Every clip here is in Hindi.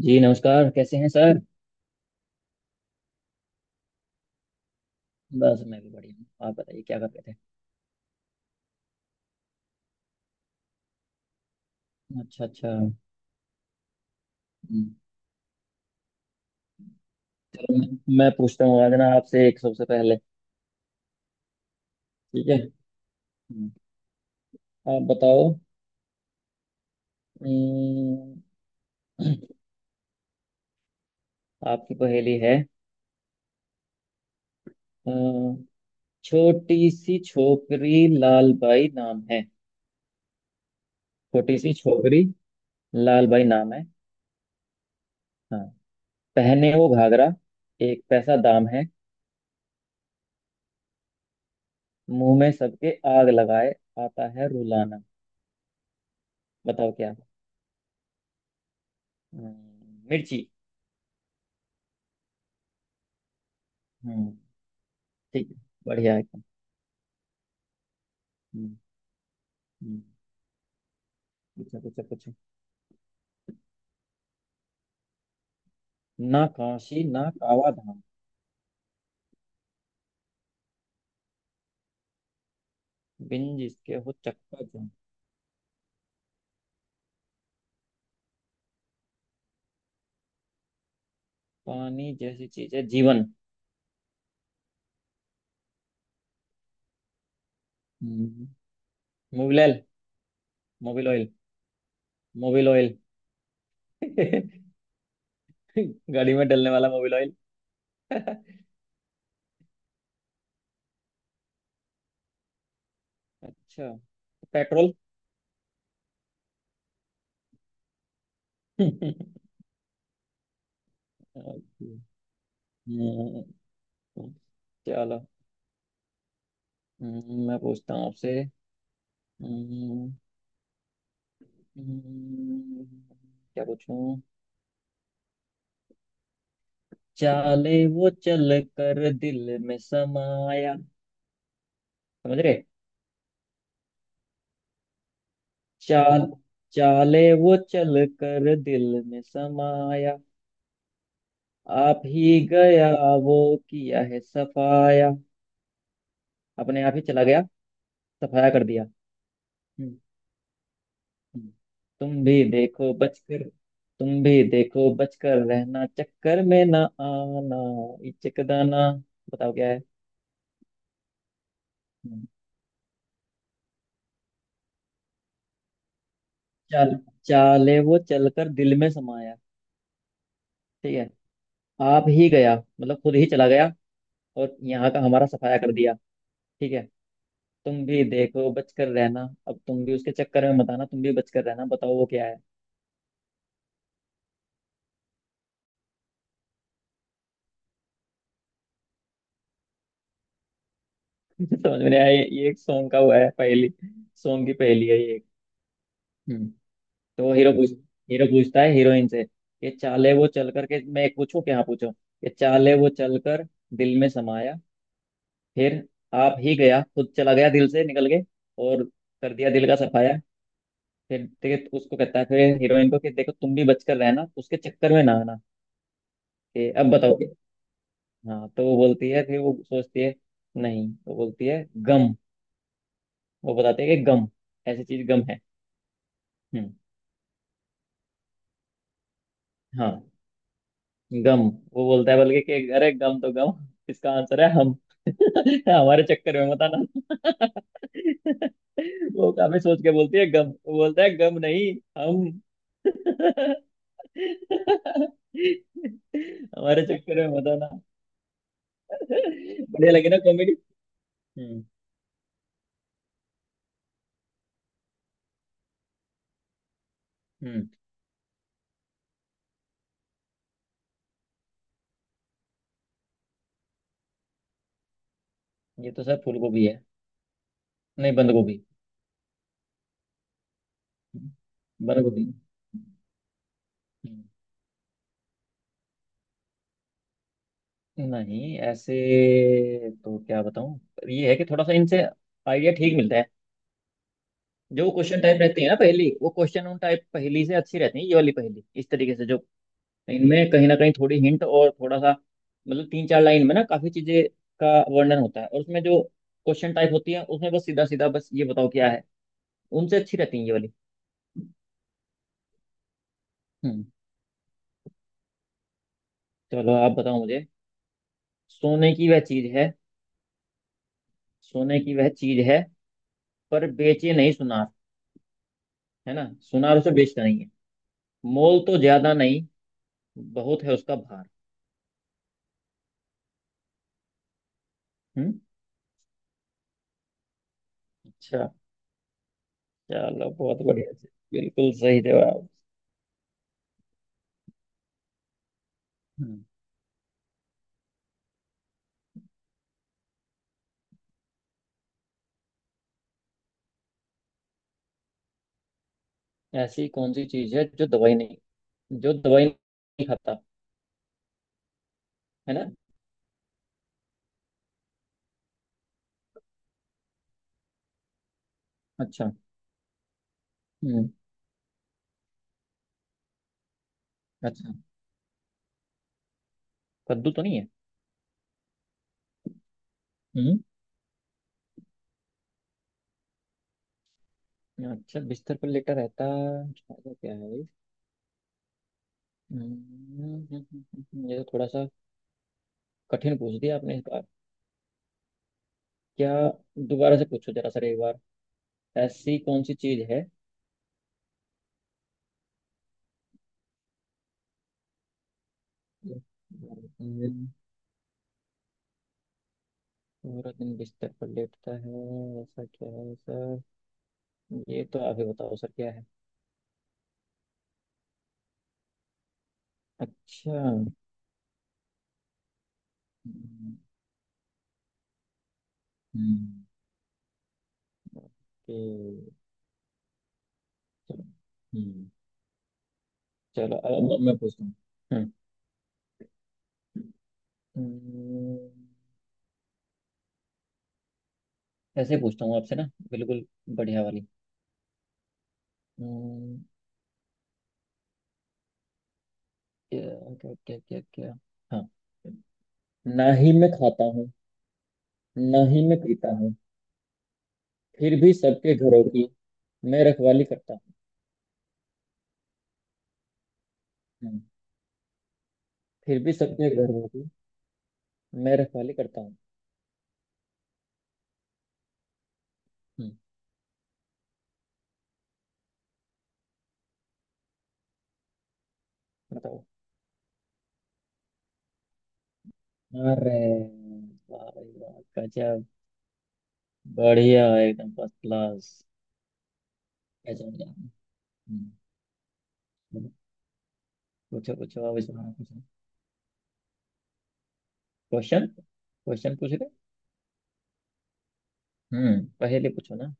जी नमस्कार। कैसे हैं सर? बस मैं भी बढ़िया हूँ। आप बताइए क्या कर रहे थे? अच्छा अच्छा। हम्म। चलो मैं पूछता हूँ आज ना आपसे एक सबसे पहले। ठीक है। हम्म। आप बताओ। हम्म। आपकी पहेली है। अ, छोटी सी छोकरी लाल बाई नाम है। छोटी सी छोकरी लाल बाई नाम है। हाँ, पहने वो घाघरा, एक पैसा दाम है। मुंह में सबके आग लगाए, आता है रुलाना। बताओ क्या। मिर्ची। हम्म। ठीक है। बढ़िया है एकदम। हम्म। हम्म। पूछो पूछो पूछो। ना काशी ना कावा धाम, बिन जिसके हो चक्का जाम। पानी जैसी चीज है जीवन। हम्म, Mobil oil. Mobil oil. Mobil oil. गाड़ी में डलने वाला मोबिल ऑयल। अच्छा, पेट्रोल। हम्म। तो चलो। मैं पूछता हूँ आपसे। हम्म। हम्म। क्या पूछूं? चाले वो चल कर दिल में समाया। समझ रहे? चाल चाले वो चल कर दिल में समाया, आप ही गया वो, किया है सफाया, अपने आप ही चला गया, सफाया कर दिया। हम्म। हम्म। तुम भी देखो बचकर तुम भी देखो बचकर रहना, चक्कर में ना आना। ये चकदाना, बताओ क्या है। हम्म। चाल चाले वो चलकर दिल में समाया, ठीक है, आप ही गया, मतलब खुद ही चला गया और यहाँ का हमारा सफाया कर दिया। ठीक है। तुम भी देखो बचकर रहना। अब तुम भी उसके चक्कर में मत आना, तुम भी बचकर रहना। बताओ वो क्या है। समझ में नहीं आया? ये एक सॉन्ग का हुआ है पहली। सॉन्ग की पहली है ये एक। हम्म। तो वो हीरो पूछता है हीरोइन से कि चाले वो चल करके, मैं एक पूछूं क्या, हाँ पूछो, कि चाले वो चल कर दिल में समाया, फिर आप ही गया, खुद चला गया दिल से निकल के, और कर दिया दिल का सफाया। फिर देखिए उसको कहता है, फिर हीरोइन को, कि देखो तुम भी बचकर रहना, उसके चक्कर में ना आना। कि अब बताओ। हाँ, तो वो बोलती है, फिर वो सोचती है, नहीं वो बोलती है गम, वो बताती है कि गम, ऐसी चीज गम है। हम्म। हाँ गम। वो बोलता है बल्कि कि अरे गम तो गम, इसका आंसर है हम। हमारे चक्कर में मत आना। वो काफी सोच के बोलती है गम, वो बोलता है गम नहीं, हम। हमारे चक्कर में मत आना। बढ़िया लगी ना कॉमेडी? हम्म। हम्म। ये तो सर फूल गोभी है, नहीं बंद गोभी। बंद गोभी। नहीं ऐसे तो क्या बताऊं, ये है कि थोड़ा सा इनसे आइडिया ठीक मिलता है। जो क्वेश्चन टाइप रहती है ना पहेली, वो क्वेश्चन उन टाइप पहेली से अच्छी रहती है ये वाली पहेली। इस तरीके से जो इनमें कहीं ना कहीं थोड़ी हिंट और थोड़ा सा, मतलब तीन चार लाइन में ना, काफी चीजें का वर्णन होता है। और उसमें जो क्वेश्चन टाइप होती है, उसमें बस सीधा सीधा, बस ये बताओ क्या है, उनसे अच्छी रहती है ये वाली। हम्म। चलो आप बताओ मुझे। सोने की वह चीज है। सोने की वह चीज है, पर बेचे नहीं सुनार। है ना। सुनार उसे बेचता नहीं है। मोल तो ज्यादा नहीं, बहुत है उसका भार। हम्म। अच्छा। चलो, बहुत बढ़िया। बिल्कुल सही जवाब। हम्म। ऐसी कौन सी चीज है जो दवाई नहीं खाता। है ना। अच्छा। हम्म। अच्छा, कद्दू तो नहीं है। हम्म। अच्छा, बिस्तर पर लेटा रहता, ऐसा क्या है भाई? हम्म। ये तो थोड़ा सा कठिन पूछ दिया आपने इस बार। क्या, दोबारा से पूछो जरा सर एक बार। ऐसी कौन सी चीज है। हम्म। पूरा दिन बिस्तर पर लेटता है, ऐसा क्या है सर? ये तो आप ही बताओ सर क्या है। अच्छा। हम्म। हम्म, ओके। चलो। हम्म। चलो अब चलो मैं पूछता हूँ। हम्म। हम्म, ऐसे ही पूछता हूँ आपसे ना, बिल्कुल बढ़िया वाली। हम्म। क्या क्या क्या क्या क्या। हाँ, ना ही मैं खाता हूँ, ना ही मैं पीता हूँ, फिर भी सबके घरों की मैं रखवाली करता हूँ। हम्म। फिर भी सबके घरों की मैं रखवाली करता हूँ। हम्म, बताओ। अरे, वाह भाई वाह। गजब, बढ़िया एकदम फर्स्ट क्लास। गजब गजब। हम्म। पूछो पूछो, अब इस बार पूछो। क्वेश्चन, क्वेश्चन पूछ रहे? हम्म, पहले पूछो ना।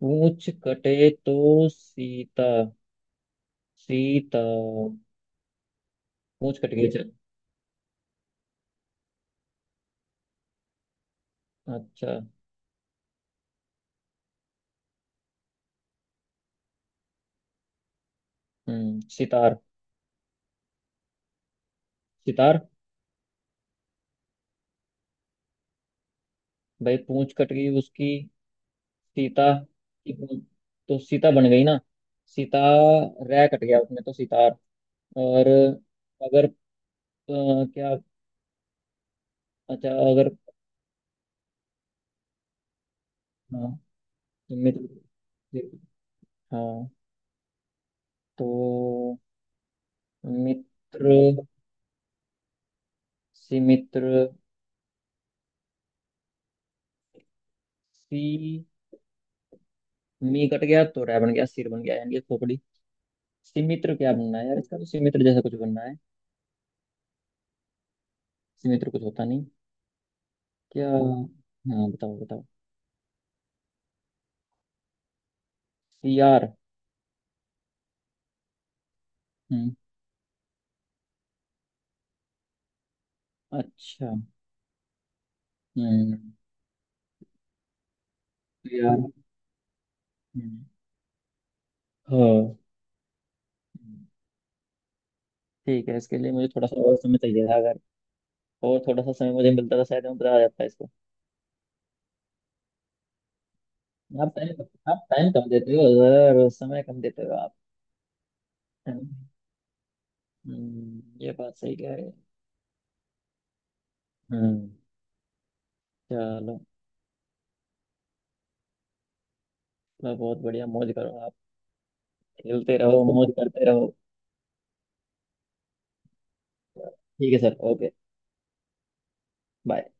पूछ कटे तो सीता। सीता? पूछ कट गई, अच्छा। अच्छा। हम्म, सितार। सितार। भाई पूंछ कट गई उसकी, सीता की पूंछ, तो सीता बन गई ना, सीता। रह कट गया उसमें तो सितार। और अगर क्या, अच्छा अगर। हाँ, तो मित्र। हाँ, तो मित्र। सी मित्र, सी, मी कट गया तो रै बन गया, सिर बन गया यानी ये खोपड़ी। सिमित्र क्या बनना है यार, इसका तो सिमित्र जैसा कुछ बनना है। सिमित्र कुछ होता नहीं। क्या, हाँ बताओ बताओ। सियार। हम्म। अच्छा। हम्म, सियार। हम्म। हाँ। हम्म। ठीक है, इसके लिए मुझे थोड़ा सा और समय चाहिए था। अगर और थोड़ा सा समय मुझे मिलता था, शायद मैं बता जाता इसको। आप टाइम आप टाइम कम देते हो, और समय कम देते हो आप। ये बात सही कह रहे हैं। हम्म। चलो, मतलब बहुत बढ़िया, मौज करो आप। खेलते रहो, मौज करते रहो। ठीक है सर, ओके, बाय।